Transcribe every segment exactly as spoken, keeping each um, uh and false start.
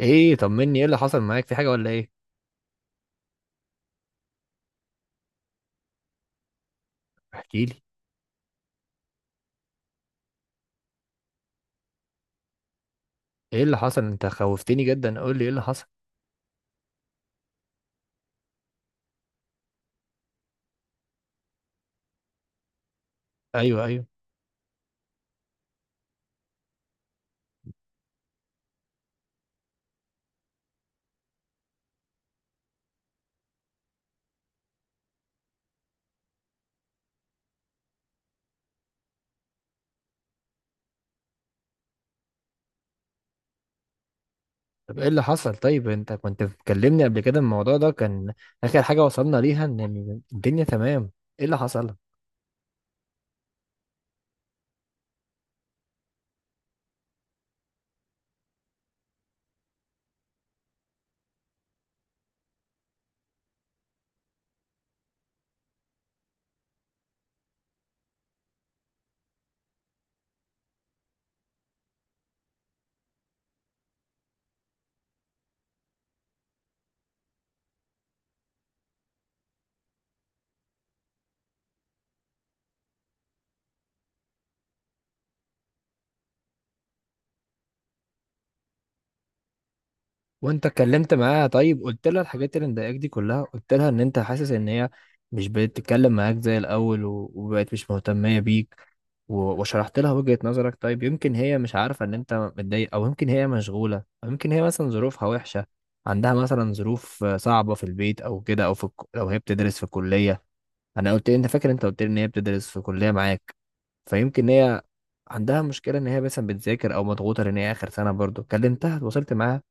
ايه، طمني، ايه اللي حصل معاك؟ في حاجه ولا ايه؟ احكي لي ايه اللي حصل، انت خوفتني جدا، قول لي ايه اللي حصل. ايوه، ايوه. طب ايه اللي حصل؟ طيب انت كنت بتكلمني قبل كده، الموضوع ده كان اخر حاجه وصلنا ليها ان الدنيا تمام. ايه اللي حصل؟ وانت اتكلمت معاها؟ طيب قلت لها الحاجات اللي مضايقاك دي كلها؟ قلت لها ان انت حاسس ان هي مش بقت تتكلم معاك زي الاول و- وبقت مش مهتمية بيك و- وشرحت لها وجهة نظرك؟ طيب يمكن هي مش عارفة ان انت متضايق، او يمكن هي مشغولة، او يمكن هي مثلا ظروفها وحشة، عندها مثلا ظروف آه، صعبة في البيت او كده، او في الك- لو هي بتدرس في كلية. انا قلت، انت فاكر انت قلت لي ان هي بتدرس في كلية معاك، فيمكن هي عندها مشكلة ان هي مثلا بتذاكر او مضغوطة لان هي اخر سنة برضو. كلمتها؟ اتواصلت معاها؟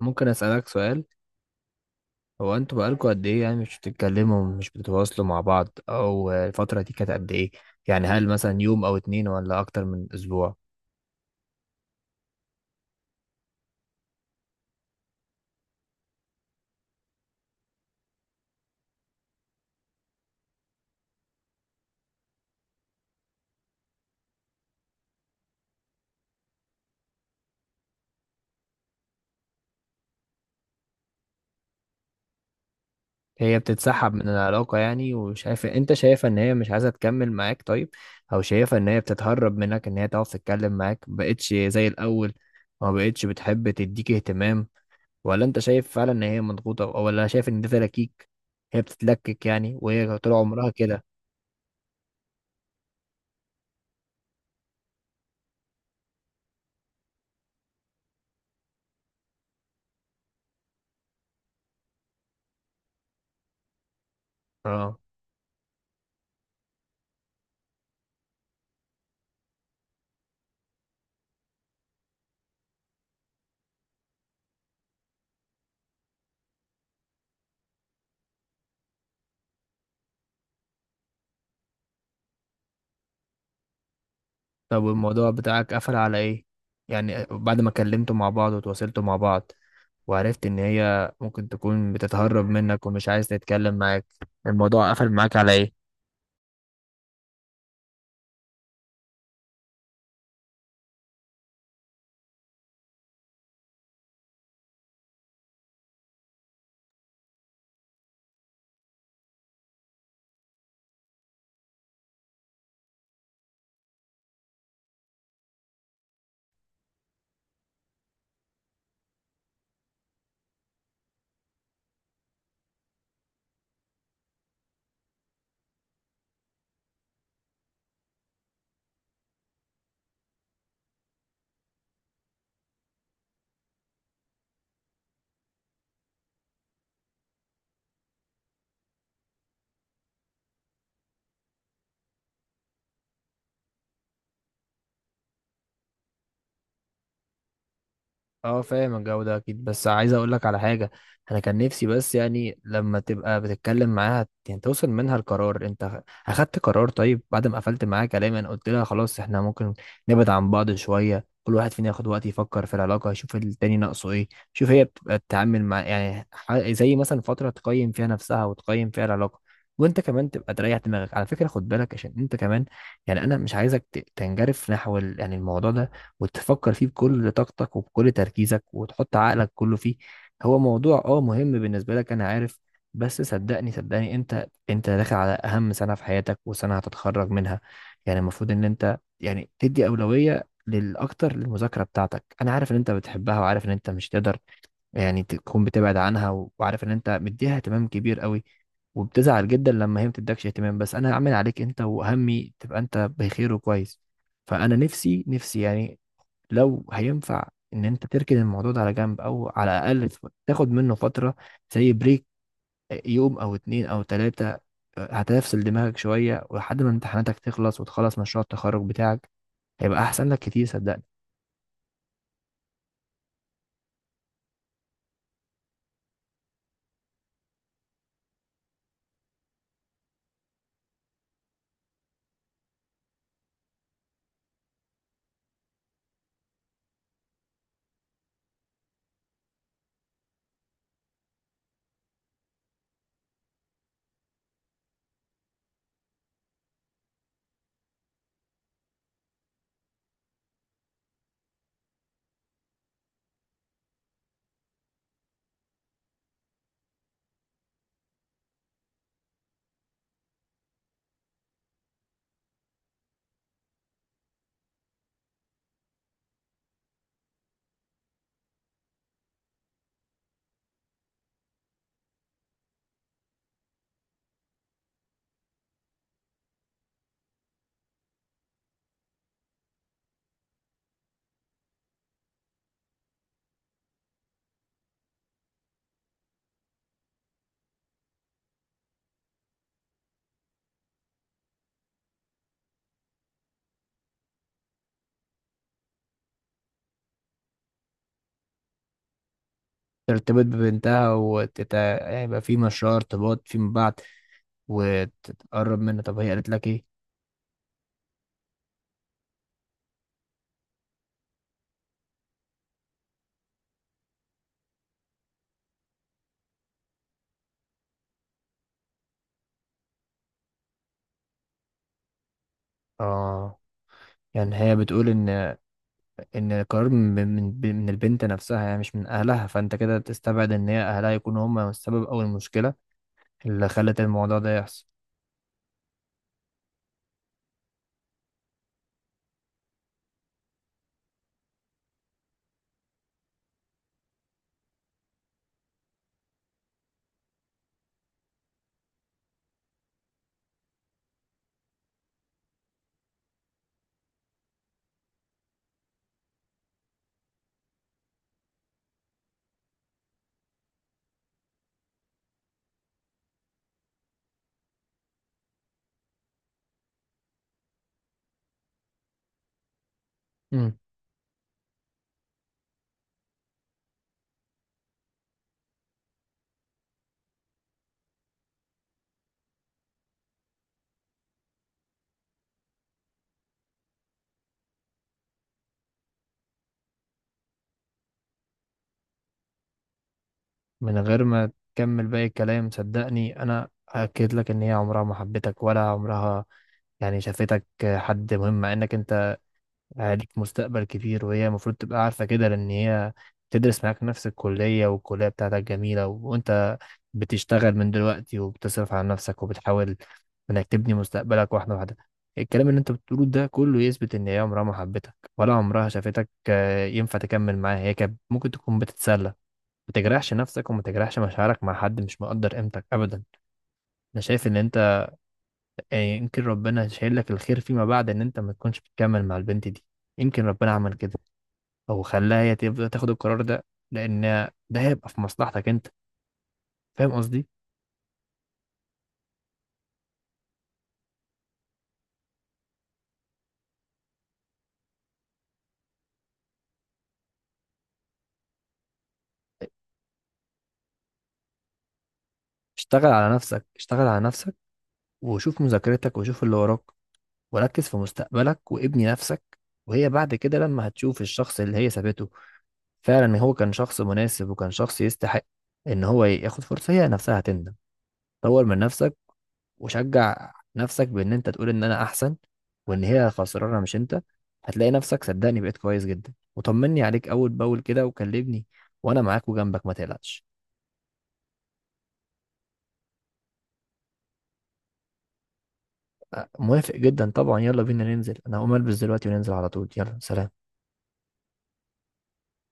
ممكن أسألك سؤال؟ هو انتوا بقالكوا قد ايه يعني مش بتتكلموا، مش بتتواصلوا مع بعض؟ او الفترة دي كانت قد ايه؟ يعني هل مثلا يوم او اتنين ولا اكتر من اسبوع؟ هي بتتسحب من العلاقة يعني، وشايف انت، شايفة ان هي مش عايزة تكمل معاك؟ طيب او شايفة ان هي بتتهرب منك، ان هي تعرف تتكلم معاك مبقتش زي الاول، ما بقتش بتحب تديك اهتمام؟ ولا انت شايف فعلا ان هي مضغوطة، ولا شايف ان ده تلاكيك؟ هي بتتلكك يعني، وهي طول عمرها كده؟ اه. طب والموضوع بتاعك قفل على ايه؟ يعني بعد ما كلمتوا مع بعض وتواصلتوا مع بعض، وعرفت ان هي ممكن تكون بتتهرب منك ومش عايز تتكلم معاك، الموضوع قفل معاك على ايه؟ اه فاهم الجو ده اكيد، بس عايز اقول لك على حاجه. انا كان نفسي بس يعني لما تبقى بتتكلم معاها يعني توصل منها القرار، انت اخدت قرار طيب بعد ما قفلت معاها كلام. انا قلت لها خلاص احنا ممكن نبعد عن بعض شويه، كل واحد فينا ياخد وقت يفكر في العلاقه، يشوف التاني ناقصه ايه، شوف هي بتبقى تتعامل مع يعني ح- زي مثلا فتره تقيم فيها نفسها وتقيم فيها العلاقه. وانت كمان تبقى تريح دماغك، على فكره خد بالك عشان انت كمان، يعني انا مش عايزك ت- تنجرف نحو ال- يعني الموضوع ده، وتفكر فيه بكل طاقتك وبكل تركيزك وتحط عقلك كله فيه. هو موضوع اه مهم بالنسبة لك، انا عارف، بس صدقني صدقني، انت انت داخل على اهم سنة في حياتك، وسنة هتتخرج منها. يعني المفروض ان انت يعني تدي أولوية للأكتر، للمذاكرة بتاعتك. أنا عارف إن أنت بتحبها، وعارف إن أنت مش تقدر يعني تكون بتبعد عنها، وعارف إن أنت مديها اهتمام كبير قوي، وبتزعل جدا لما هي ما بتدكش اهتمام. بس أنا هعمل عليك أنت وأهمي تبقى أنت بخير وكويس. فأنا نفسي نفسي يعني لو هينفع ان انت تركن الموضوع ده على جنب، او على الاقل ف- تاخد منه فتره زي بريك، يوم او اتنين او تلاته، آه، هتفصل دماغك شويه، ولحد ما امتحاناتك تخلص وتخلص مشروع التخرج بتاعك، هيبقى احسن لك كتير صدقني. ترتبط ببنتها وتت... هيبقى في مشروع ارتباط فيما بعد، وتتقرب منها. طب هي قالت لك ايه؟ اه. يعني هي بتقول ان، ان القرار من من من البنت نفسها يعني، مش من اهلها، فانت كده تستبعد ان هي اهلها يكونوا هم السبب او المشكله اللي خلت الموضوع ده يحصل. امم. من غير ما تكمل باقي الكلام صدقني، انا اكد لك ان هي عمرها ما حبتك، ولا عمرها يعني شافتك حد مهم، مع انك انت عليك مستقبل كبير، وهي المفروض تبقى عارفه كده، لان هي تدرس معاك نفس الكليه، والكليه بتاعتك جميله، وانت بتشتغل من دلوقتي، وبتصرف على نفسك، وبتحاول انك تبني مستقبلك واحده واحده. الكلام اللي انت بتقوله ده كله يثبت ان هي عمرها ما حبتك، ولا عمرها شافتك، آه، ينفع تكمل معاها؟ هي كانت ممكن تكون بتتسلى. ما تجرحش نفسك، وما تجرحش مشاعرك مع حد مش مقدر قيمتك ابدا. انا شايف ان انت يعني يمكن ربنا شايل لك الخير فيما بعد ان انت ما تكونش بتكمل مع البنت دي، يمكن ربنا عمل كده، او خلاها هي تبدا تاخد القرار ده، لان ده هيبقى في مصلحتك انت. فاهم قصدي؟ اشتغل على نفسك، اشتغل على نفسك، وشوف مذاكرتك، وشوف اللي وراك، وركز في مستقبلك، وابني نفسك. وهي بعد كده لما هتشوف الشخص اللي هي سابته فعلا هو كان شخص مناسب، وكان شخص يستحق ان هو ياخد فرصة، هي نفسها هتندم. طور من نفسك، وشجع نفسك بان انت تقول ان انا احسن، وان هي خسرانه مش انت. هتلاقي نفسك صدقني بقيت كويس جدا، وطمني عليك اول باول كده وكلمني، وانا معاك وجنبك ما تقلقش. أه، موافق جدا طبعا، يلا بينا ننزل، انا هقوم البس دلوقتي وننزل على طول. يلا سلام.